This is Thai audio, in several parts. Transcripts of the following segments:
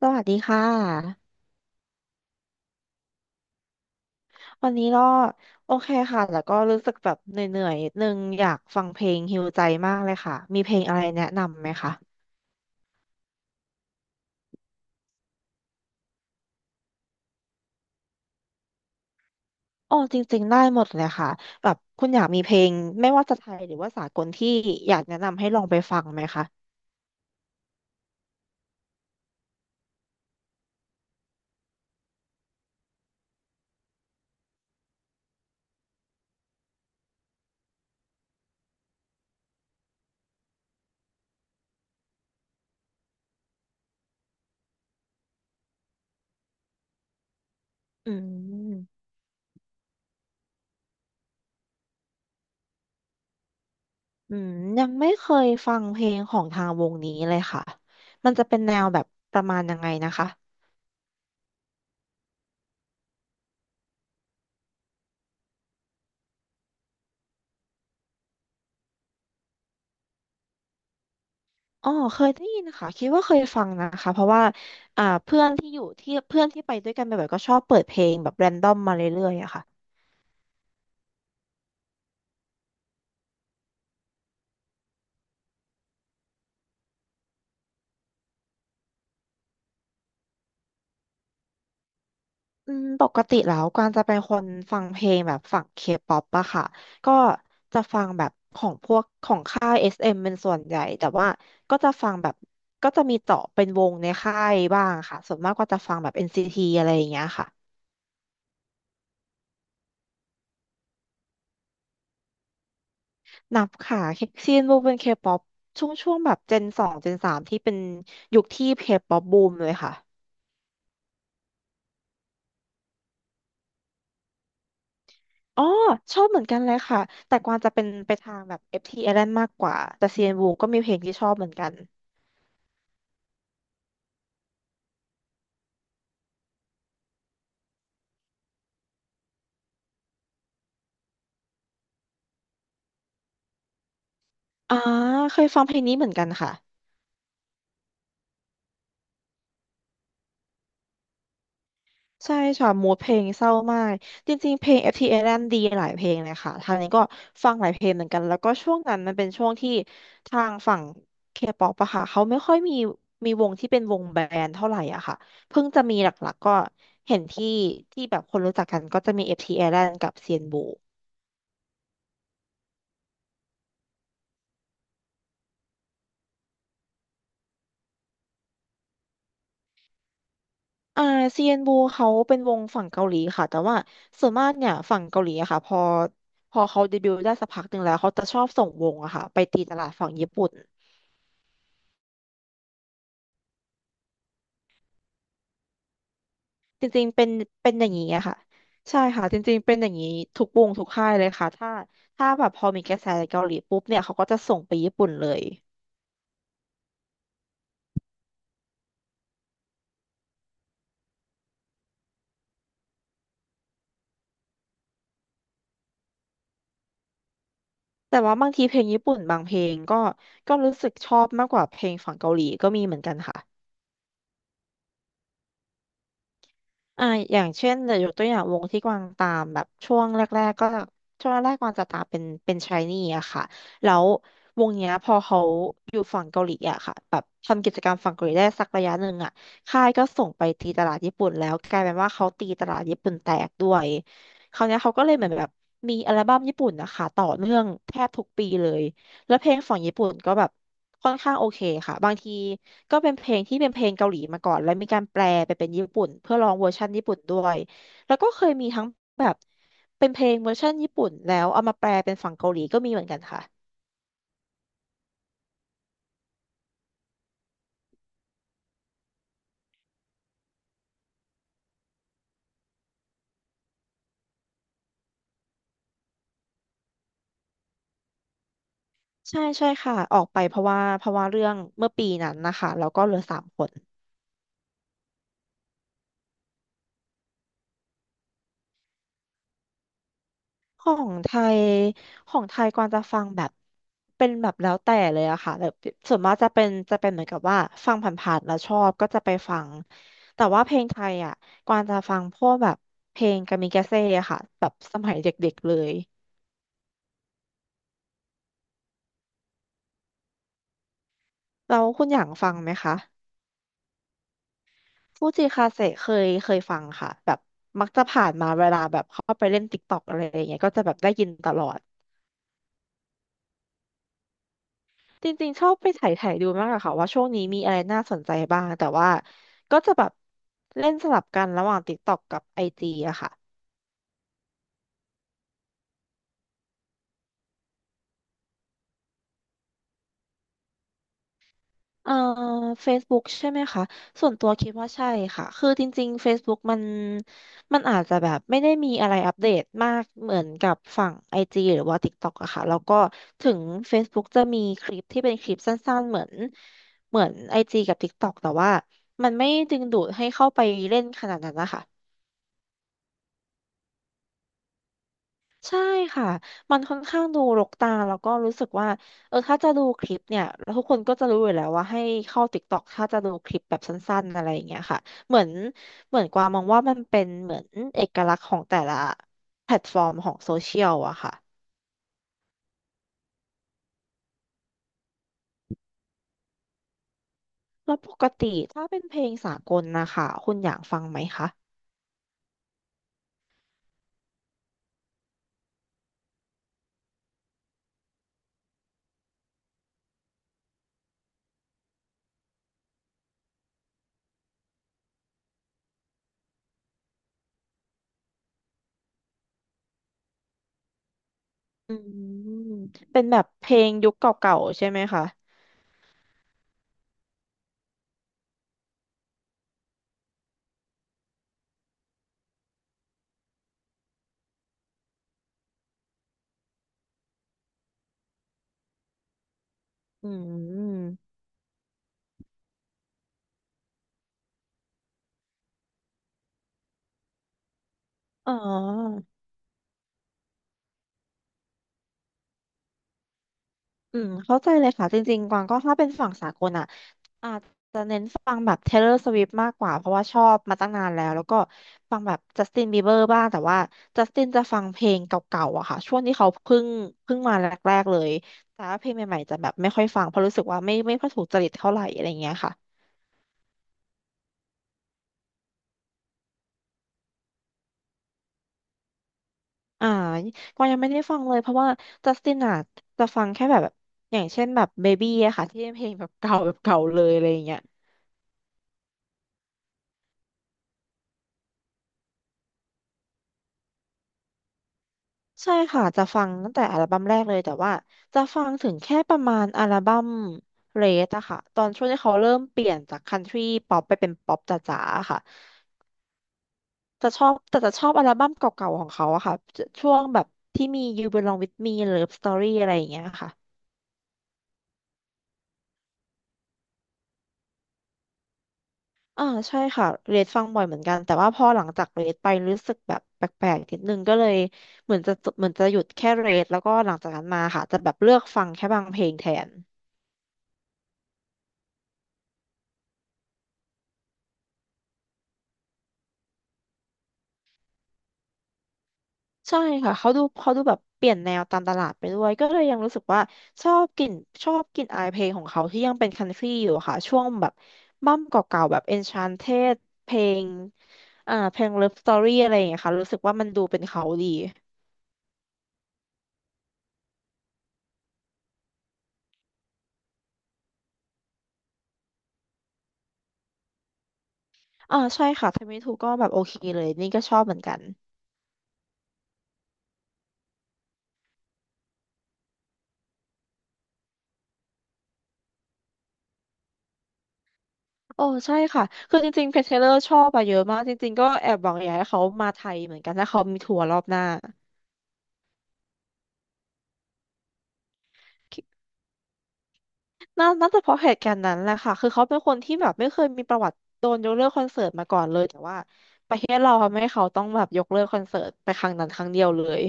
สวัสดีค่ะวันนี้ก็โอเคค่ะแล้วก็รู้สึกแบบเหนื่อยๆนิดนึงอยากฟังเพลงฮีลใจมากเลยค่ะมีเพลงอะไรแนะนำไหมคะอ๋อจริงๆได้หมดเลยค่ะแบบคุณอยากมีเพลงไม่ว่าจะไทยหรือว่าสากลที่อยากแนะนำให้ลองไปฟังไหมคะอืมอืมยังไม่เคยฟังเพลงของทางวงนี้เลยค่ะมันจะเป็นแนวแบบประมาณยังไงนะคะ อ๋อเคยได้ยินค่ะคิดว่าเคยฟังนะคะเพราะว่าเพื่อนที่ไปด้วยกันบ่อยๆก็ชอบเปิดเพลงแบบแรนดอมมาเรื่อยๆอะค่ะปกติแล้วกางจะเป็นคนฟังเพลงแบบฝั่งเคป๊อปอะค่ะก็จะฟังแบบของพวกของค่ายเอสเอ็มเป็นส่วนใหญ่แต่ว่าก็จะฟังแบบก็จะมีเจาะเป็นวงในค่ายบ้างค่ะส่วนมากก็จะฟังแบบเอ็นซีทีอะไรอย่างเงี้ยค่ะนับค่ะซีนบูมเป็นเคป๊อปช่วงแบบเจนสองเจนสามที่เป็นยุคที่เคป๊อปบูมเลยค่ะ อ๋อชอบเหมือนกันเลยค่ะแต่กวางจะเป็นไปทางแบบ FT Island มากกว่าแต่ CN Blue ก็มีเพลงที่ชอบเหมือนกันอ่าเคยฟังเพลงนี้เหมือนกันค่ะใช่ค่ะมูดเพลงเศร้ามากจริงๆเพลง FT Island ดีหลายเพลงเลยค่ะทางนี้ก็ฟังหลายเพลงเหมือนกันแล้วก็ช่วงนั้นมันเป็นช่วงที่ทางฝั่ง K-pop อะค่ะเขาไม่ค่อยมีมีวงที่เป็นวงแบนด์เท่าไหร่อะค่ะเพิ่งจะมีหลักๆก็เห็นที่แบบคนรู้จักกันก็จะมี FT Island กับ CN b l u อ่าเซียนบูเขาเป็นวงฝั่งเกาหลีค่ะแต่ว่าส่วนมากเนี่ยฝั่งเกาหลีอะค่ะพอเขาเดบิวต์ได้สักพักหนึ่งแล้วเขาจะชอบส่งวงอะค่ะไปตีตลาดฝั่งญี่ปุ่นจริงๆเป็นอย่างนี้อะค่ะใช่ค่ะจริงๆเป็นอย่างนี้ทุกวงทุกค่ายเลยค่ะถ้าแบบพอมีกระแสเกาหลีปุ๊บเนี่ยเขาก็จะส่งไปญี่ปุ่นเลยแต่ว่าบางทีเพลงญี่ปุ่นบางเพลงก็รู้สึกชอบมากกว่าเพลงฝั่งเกาหลีก็มีเหมือนกันค่ะ อ่าอย่างเช่นเดี๋ยวยกตัวอย่างวงที่กวางตามแบบกๆก็ช่วงแรกๆกวางจะตามเป็นชายนี่อะค่ะแล้ววงเนี้ยพอเขาอยู่ฝั่งเกาหลีอะค่ะแบบทำกิจกรรมฝั่งเกาหลีได้สักระยะหนึ่งอะค่ายก็ส่งไปตีตลาดญี่ปุ่นแล้วกลายเป็นว่าเขาตีตลาดญี่ปุ่นแตกด้วยคราวเนี้ยเขาก็เลยเหมือนแบบมีอัลบั้มญี่ปุ่นนะคะต่อเนื่องแทบทุกปีเลย แล้วเพลงของญี่ปุ่นก็แบบค่อนข้างโอเคค่ะบางทีก็เป็นเพลงที่เป็นเพลงเกาหลีมาก่อนแล้วมีการแปลไปเป็นญี่ปุ่นเพื่อลองเวอร์ชันญี่ปุ่นด้วยแล้วก็เคยมีทั้งแบบเป็นเพลงเวอร์ชันญี่ปุ่นแล้วเอามาแปลเป็นฝั่งเกาหลีก็มีเหมือนกันค่ะใช่ใช่ค่ะออกไปเพราะว่าเรื่องเมื่อปีนั้นนะคะแล้วก็เหลือสามคน ของไทยของไทยกวางจะฟังแบบเป็นแบบแล้วแต่เลยอะค่ะแบบส่วนมากจะเป็นเหมือนกับว่าฟังผ่านๆแล้วชอบก็จะไปฟังแต่ว่าเพลงไทยอะกวางจะฟังพวกแบบเพลงกามิกาเซ่อะค่ะแบบสมัยเด็กๆเลยแล้วคุณอย่างฟังไหมคะฟูจิคาเซ่เคยฟังค่ะแบบมักจะผ่านมาเวลาแบบเข้าไปเล่นติ๊กต็อกอะไรอย่างเงี้ยก็จะแบบได้ยินตลอด จริงๆชอบไปไถ่ไถ่ดูมากอะค่ะว่าช่วงนี้มีอะไรน่าสนใจบ้างแต่ว่าก็จะแบบเล่นสลับกันระหว่าง TikTok กับ IG อจีอะค่ะเอ่อ Facebook ใช่ไหมคะส่วนตัวคิดว่าใช่ค่ะคือจริงๆ Facebook มันอาจจะแบบไม่ได้มีอะไรอัปเดตมากเหมือนกับฝั่ง IG หรือว่า TikTok อะค่ะแล้วก็ถึง Facebook จะมีคลิปที่เป็นคลิปสั้นๆเหมือน IG กับ TikTok แต่ว่ามันไม่ดึงดูดให้เข้าไปเล่นขนาดนั้นนะคะ ใช่ค่ะ มันค่อนข้างดูรกตาแล้วก็รู้สึกว่า เออถ้าจะดูคลิปเนี่ยแล้วทุกคนก็จะรู้อยู่แล้วว่าให้เข้า TikTok ถ้าจะดูคลิปแบบสั้นๆอะไรอย่างเงี้ยค่ะเหมือนเหมือนกวางมองว่ามันเป็นเหมือนเอกลักษณ์ของแต่ละแพลตฟอร์มของโซเชียลอะค่ะแล้วปกติถ้าเป็นเพลงสากลนะคะคุณอยากฟังไหมคะอืมเป็นแบบเพลงยุคเก่าๆใช่ไหมคะอืมอ๋ออืมเข้าใจเลยค่ะจริงๆกวางก็ถ้าเป็นฝั่งสากลอ่ะ อาจจะเน้นฟังแบบ Taylor Swift มากกว่าเพราะว่าชอบมาตั้งนานแล้วแล้วก็ฟังแบบ Justin Bieber บ้างแต่ว่า Justin จะฟังเพลงเก่าๆอะค่ะช่วงที่เขาเพิ่งมาแรกๆเลยแต่ว่าเพลงใหม่ๆจะแบบไม่ค่อยฟังเพราะรู้สึกว่าไม่ค่อยถูกจริตเท่าไหร่อะไรเงี้ยค่ะอ่าก็ยังไม่ได้ฟังเลยเพราะว่า Justin อะจะฟังแค่แบบอย่างเช่นแบบ Baby อะค่ะที่เป็นเพลงแบบเก่าแบบเก่าเลยอะไรเงี้ย ใช่ค่ะจะฟังตั้งแต่อัลบั้มแรกเลยแต่ว่าจะฟังถึงแค่ประมาณอัลบั้มเรสอะค่ะตอนช่วงที่เขาเริ่มเปลี่ยนจากคันทรีป๊อปไปเป็นป๊อปจ๋าๆอะค่ะจะชอบแต่จะชอบอัลบั้มเก่าๆของเขาอะค่ะจะช่วงแบบที่มี You Belong With Me Love Story อะไรอย่างเงี้ยค่ะอ่าใช่ค่ะเรดฟังบ่อยเหมือนกันแต่ว่าพอหลังจากเรดไปรู้สึกแบบแปลกๆนิดนึงก็เลยเหมือนจะเหมือนจะหยุดแค่เรดแล้วก็หลังจากนั้นมาค่ะจะแบบเลือกฟังแค่บางเพลงแทน ใช่ค่ะเขาดูแบบเปลี่ยนแนวตามตลาดไปด้วยก็เลยยังรู้สึกว่าชอบกลิ่นชอบกลิ่นอายเพลงของเขาที่ยังเป็นคันทรีอยู่อะค่ะช่วงแบบบั้มเก่าๆแบบ Enchanted เพลงอ่าเพลง Love Story อะไรอย่างเงี้ยค่ะรู้สึกว่ามันดูเป็นเขาดีอ่าใช่ค่ะ t i m e t ูก็แบบโอเคเลยนี่ก็ชอบเหมือนกันโอ้ใช่ค่ะคือจริงๆเพ t เทเลอร์ชอบอะเยอะมากจริงๆก็แอบหวังอยากให้เขามาไทยเหมือนกันถ้าเขามีทัวร์รอบหน้า น่าจะเพราะเหตุการณ์นั้นแหละค่ะคือเขาเป็นคนที่แบบไม่เคยมีประวัติโดนยกเลิกคอนเสิร์ตมาก่อนเลยแต่ว่าประเทศเราทำให้เขาต้องแบบยกเลิกคอนเสิร์ตไปครั้งนั้นครั้งเดียวเลย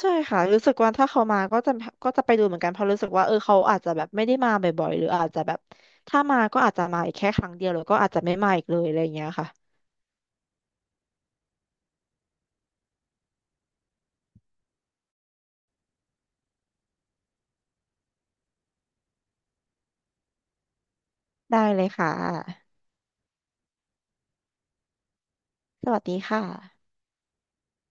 ใช่ค่ะรู้สึกว่าถ้าเขามาก็จะไปดูเหมือนกันเพราะรู้สึกว่าเออเขาอาจจะแบบไม่ได้มาบ่อยๆหรืออาจจะแบบถ้ามาก็อาจจะมาอีกแค่ครั้งเดียวแล้วก็อาจจะไม่มาอีกเลยอะไรอย่างเงี้ยค่ะได้เลยค่ะสวัสดีค่ะ